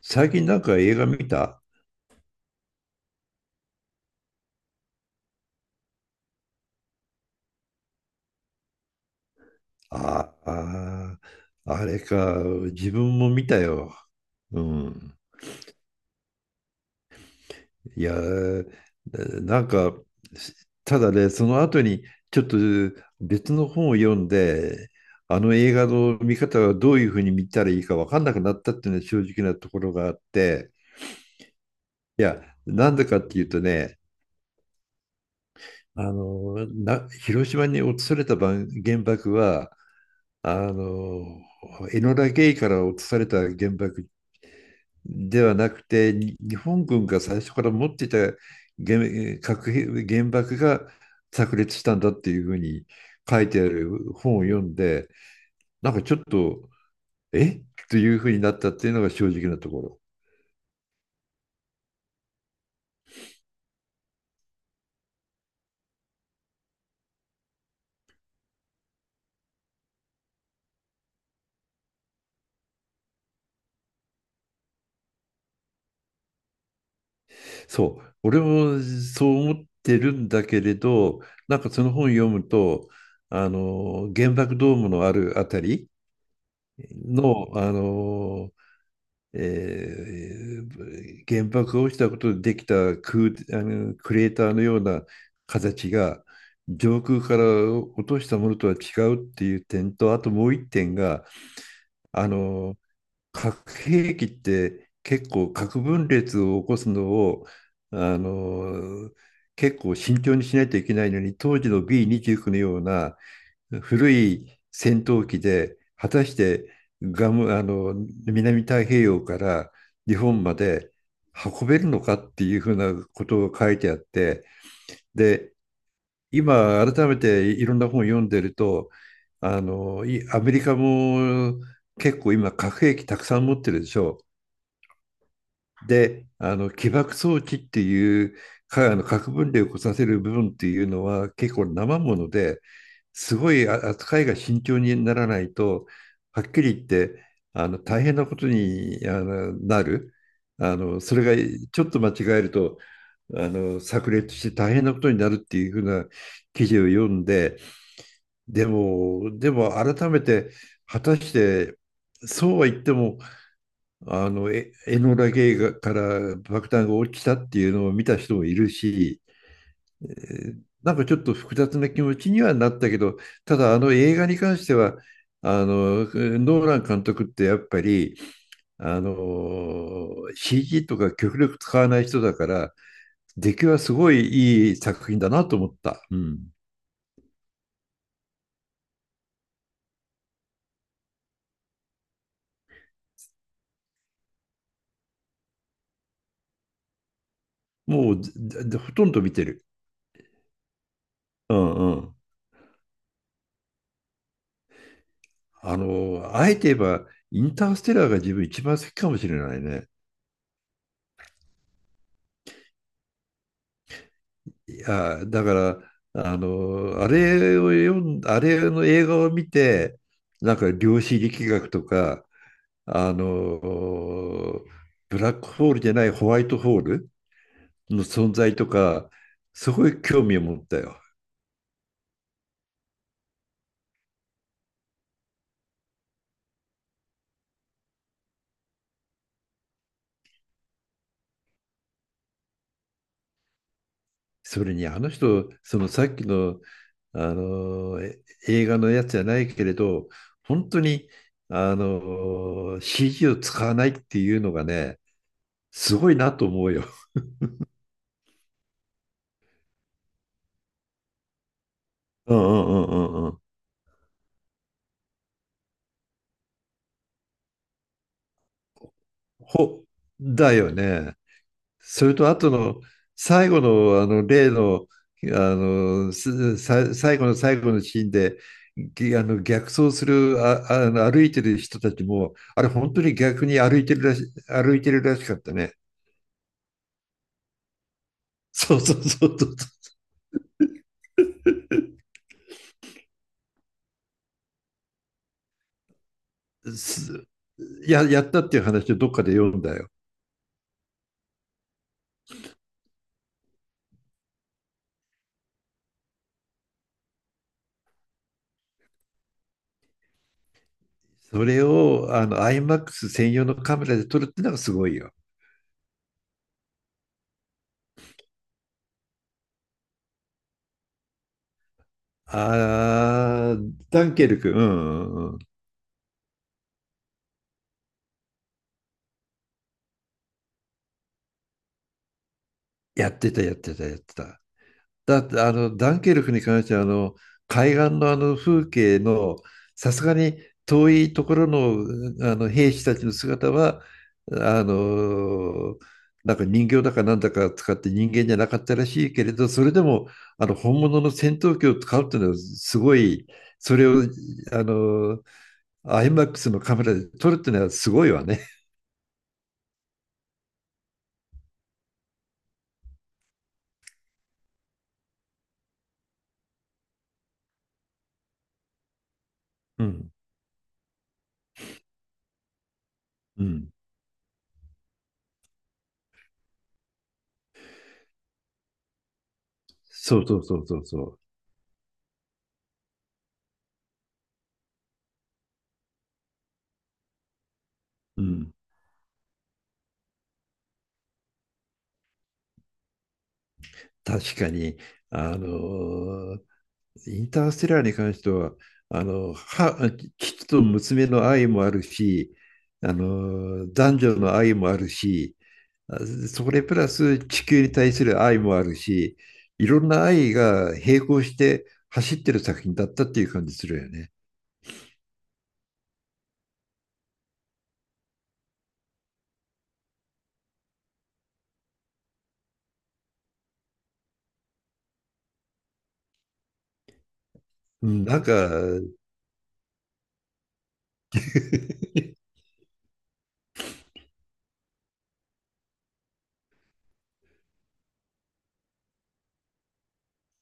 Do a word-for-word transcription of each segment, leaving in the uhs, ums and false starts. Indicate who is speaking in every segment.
Speaker 1: 最近なんか映画見た？ああ、あれか、自分も見たよ。うん。いや、なんか、ただね、その後にちょっと別の本を読んで、あの映画の見方はどういうふうに見たらいいか分かんなくなったっていうのは正直なところがあって、いや、なんでかっていうとね、あの、な、広島に落とされたばん原爆は、あの、エノラ・ゲイから落とされた原爆ではなくて、に日本軍が最初から持っていた原、核兵原爆が炸裂したんだっていうふうに書いてある本を読んで、なんかちょっと、えというふうになったっていうのが正直なところ。そう、俺もそう思ってるんだけれど、なんかその本読むと、あの原爆ドームのあるあたりの、あのえー原爆が落ちたことでできたクー、あのクレーターのような形が上空から落としたものとは違うっていう点と、あともう一点が、あの核兵器って結構核分裂を起こすのを、あの結構慎重にしないといけないのに、当時の ビーにじゅうきゅう のような古い戦闘機で果たして、ガム、あの南太平洋から日本まで運べるのかっていうふうなことを書いてあって、で、今改めていろんな本を読んでると、あのいアメリカも結構今核兵器たくさん持ってるでしょ？で、あの起爆装置っていうか、あの核分裂を起こさせる部分っていうのは結構生もので、すごいあ扱いが慎重にならないと、はっきり言って、あの大変なことに、あのなる、あのそれが、ちょっと間違えると、あの炸裂して大変なことになるっていうふうな記事を読んで、でもでも改めて、果たしてそうは言っても、あの、え、エノラ・ゲイから爆弾が起きたっていうのを見た人もいるし、えーなんかちょっと複雑な気持ちにはなったけど、ただあの映画に関しては、あの、ノーラン監督ってやっぱり、あの、シージー とか極力使わない人だから、出来はすごいいい作品だなと思った。うん。もう、ほとんど見てる。うんうん。あの、あえて言えば、インターステラーが自分一番好きかもしれないね。や、だから、あの、あれを読ん、あれの映画を見て、なんか量子力学とか、あの、ブラックホールじゃないホワイトホールの存在とか、すごい興味を持ったよ。それにあの人、そのさっきの、あのえ映画のやつじゃないけれど、本当にあの シージー を使わないっていうのがね、すごいなと思うよ。うんうんうんうんうん。ほ、だよね。それと、あとの、最後の、あの、例の、あの、すさ、最後の最後のシーンで、ぎあの、逆走する、あ、あの、歩いてる人たちも、あれ、本当に逆に歩いてるらし、歩いてるらしかったね。そうそうそうそう。すや、やったっていう話をどっかで読んだよ。それを、あの、アイマックス 専用のカメラで撮るってのがすごいよ。ああ、ダンケルク、うん、うんうん。やってた、やってた、やってた。だってあのダンケルクに関しては、あの海岸のあの風景の、さすがに遠いところの、あの兵士たちの姿は、あのなんか人形だかなんだか使って人間じゃなかったらしいけれど、それでもあの本物の戦闘機を使うっていうのはすごい、それを、あのアイマックスのカメラで撮るっていうのはすごいわね。うんうん、そうそうそうそうそう。うん、確かにあのインターステラーに関しては、あの、は、父と娘の愛もあるし、あの、男女の愛もあるし、それプラス地球に対する愛もあるし、いろんな愛が並行して走ってる作品だったっていう感じするよね。うん、なんか、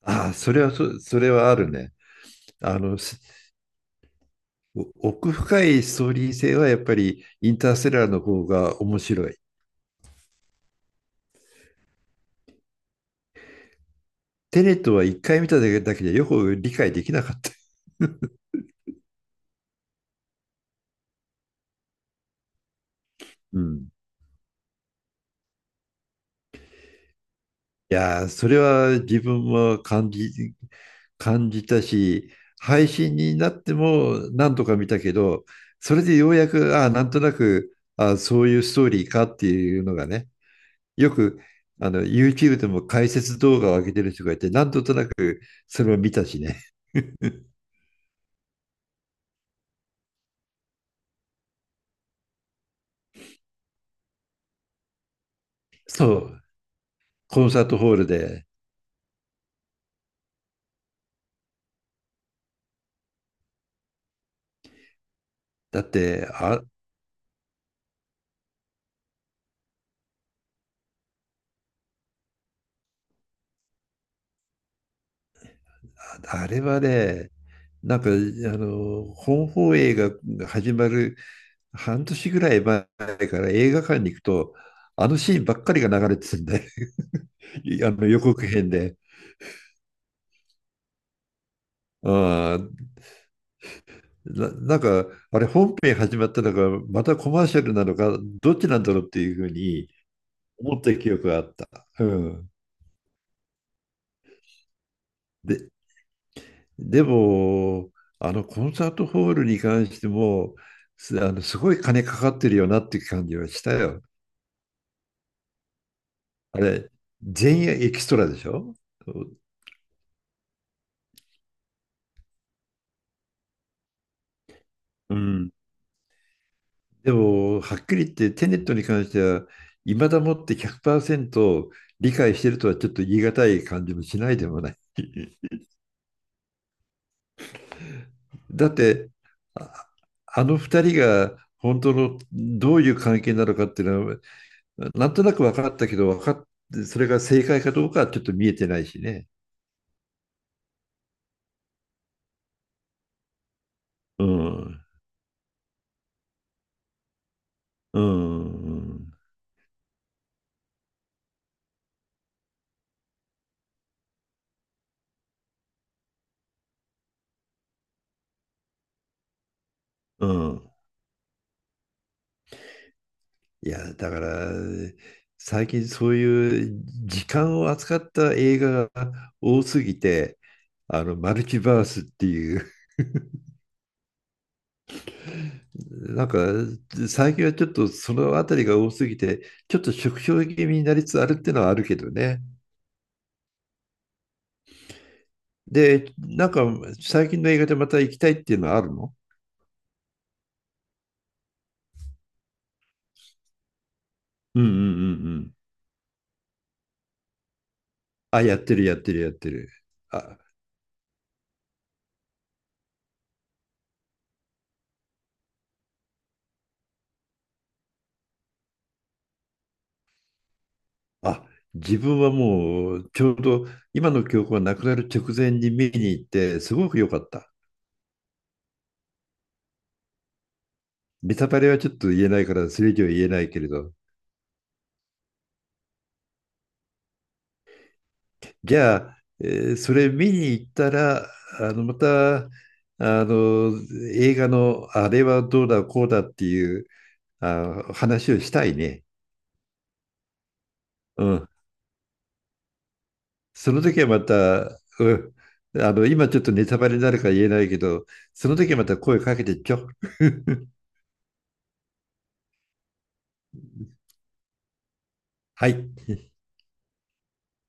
Speaker 1: ああ、それはそ、それはあるね。あの、す奥深いストーリー性はやっぱりインターステラーの方が面白い。テネットは一回見ただけだけでよく理解できなかった。うん。いやー、それは自分も感じ、感じたし、配信になっても何とか見たけど、それでようやく、ああ、なんとなく、ああ、そういうストーリーかっていうのがね、よく、あの、ユーチューブ でも解説動画を上げてる人がいて、なんとなくそれを見たしね。そう、コンサートホールで。だって、あ、あれはね、なんか、あの、本放映が始まる半年ぐらい前から映画館に行くと、あのシーンばっかりが流れてたんで、あの予告編で。あーな、なんか、あれ本編始まったのか、またコマーシャルなのか、どっちなんだろうっていうふうに思った記憶があった。うん。で、でも、あのコンサートホールに関しても、すあのすごい金かかってるよなっていう感じはしたよ。あれ、全員エキストラでしょ？うん。でも、はっきり言ってテネットに関しては、いまだもってひゃくパーセント理解してるとはちょっと言い難い感じもしないでもない。だって、あ、あのふたりが本当のどういう関係なのかっていうのは、なんとなく分かったけど、分かっそれが正解かどうかはちょっと見えてないしね。うん、うん、うん。いや、だから、最近そういう時間を扱った映画が多すぎて、あの、マルチバースっていう、なんか、最近はちょっとそのあたりが多すぎて、ちょっと縮小気味になりつつあるっていうのはあるけどね。で、なんか、最近の映画でまた行きたいっていうのはあるの？うんうんうんうん。あ、やってる、やってる、やってる。あ、あ、自分はもう、ちょうど今の記憶がなくなる直前に見に行って、すごく良かった。ネタバレはちょっと言えないから、それ以上言えないけれど、じゃあ、えーそれ見に行ったら、あの、また、あの、映画のあれはどうだ、こうだっていう、あ、話をしたいね。うん。その時はまた、うん。あの、今ちょっとネタバレになるから言えないけど、その時はまた声かけてちょ。はい。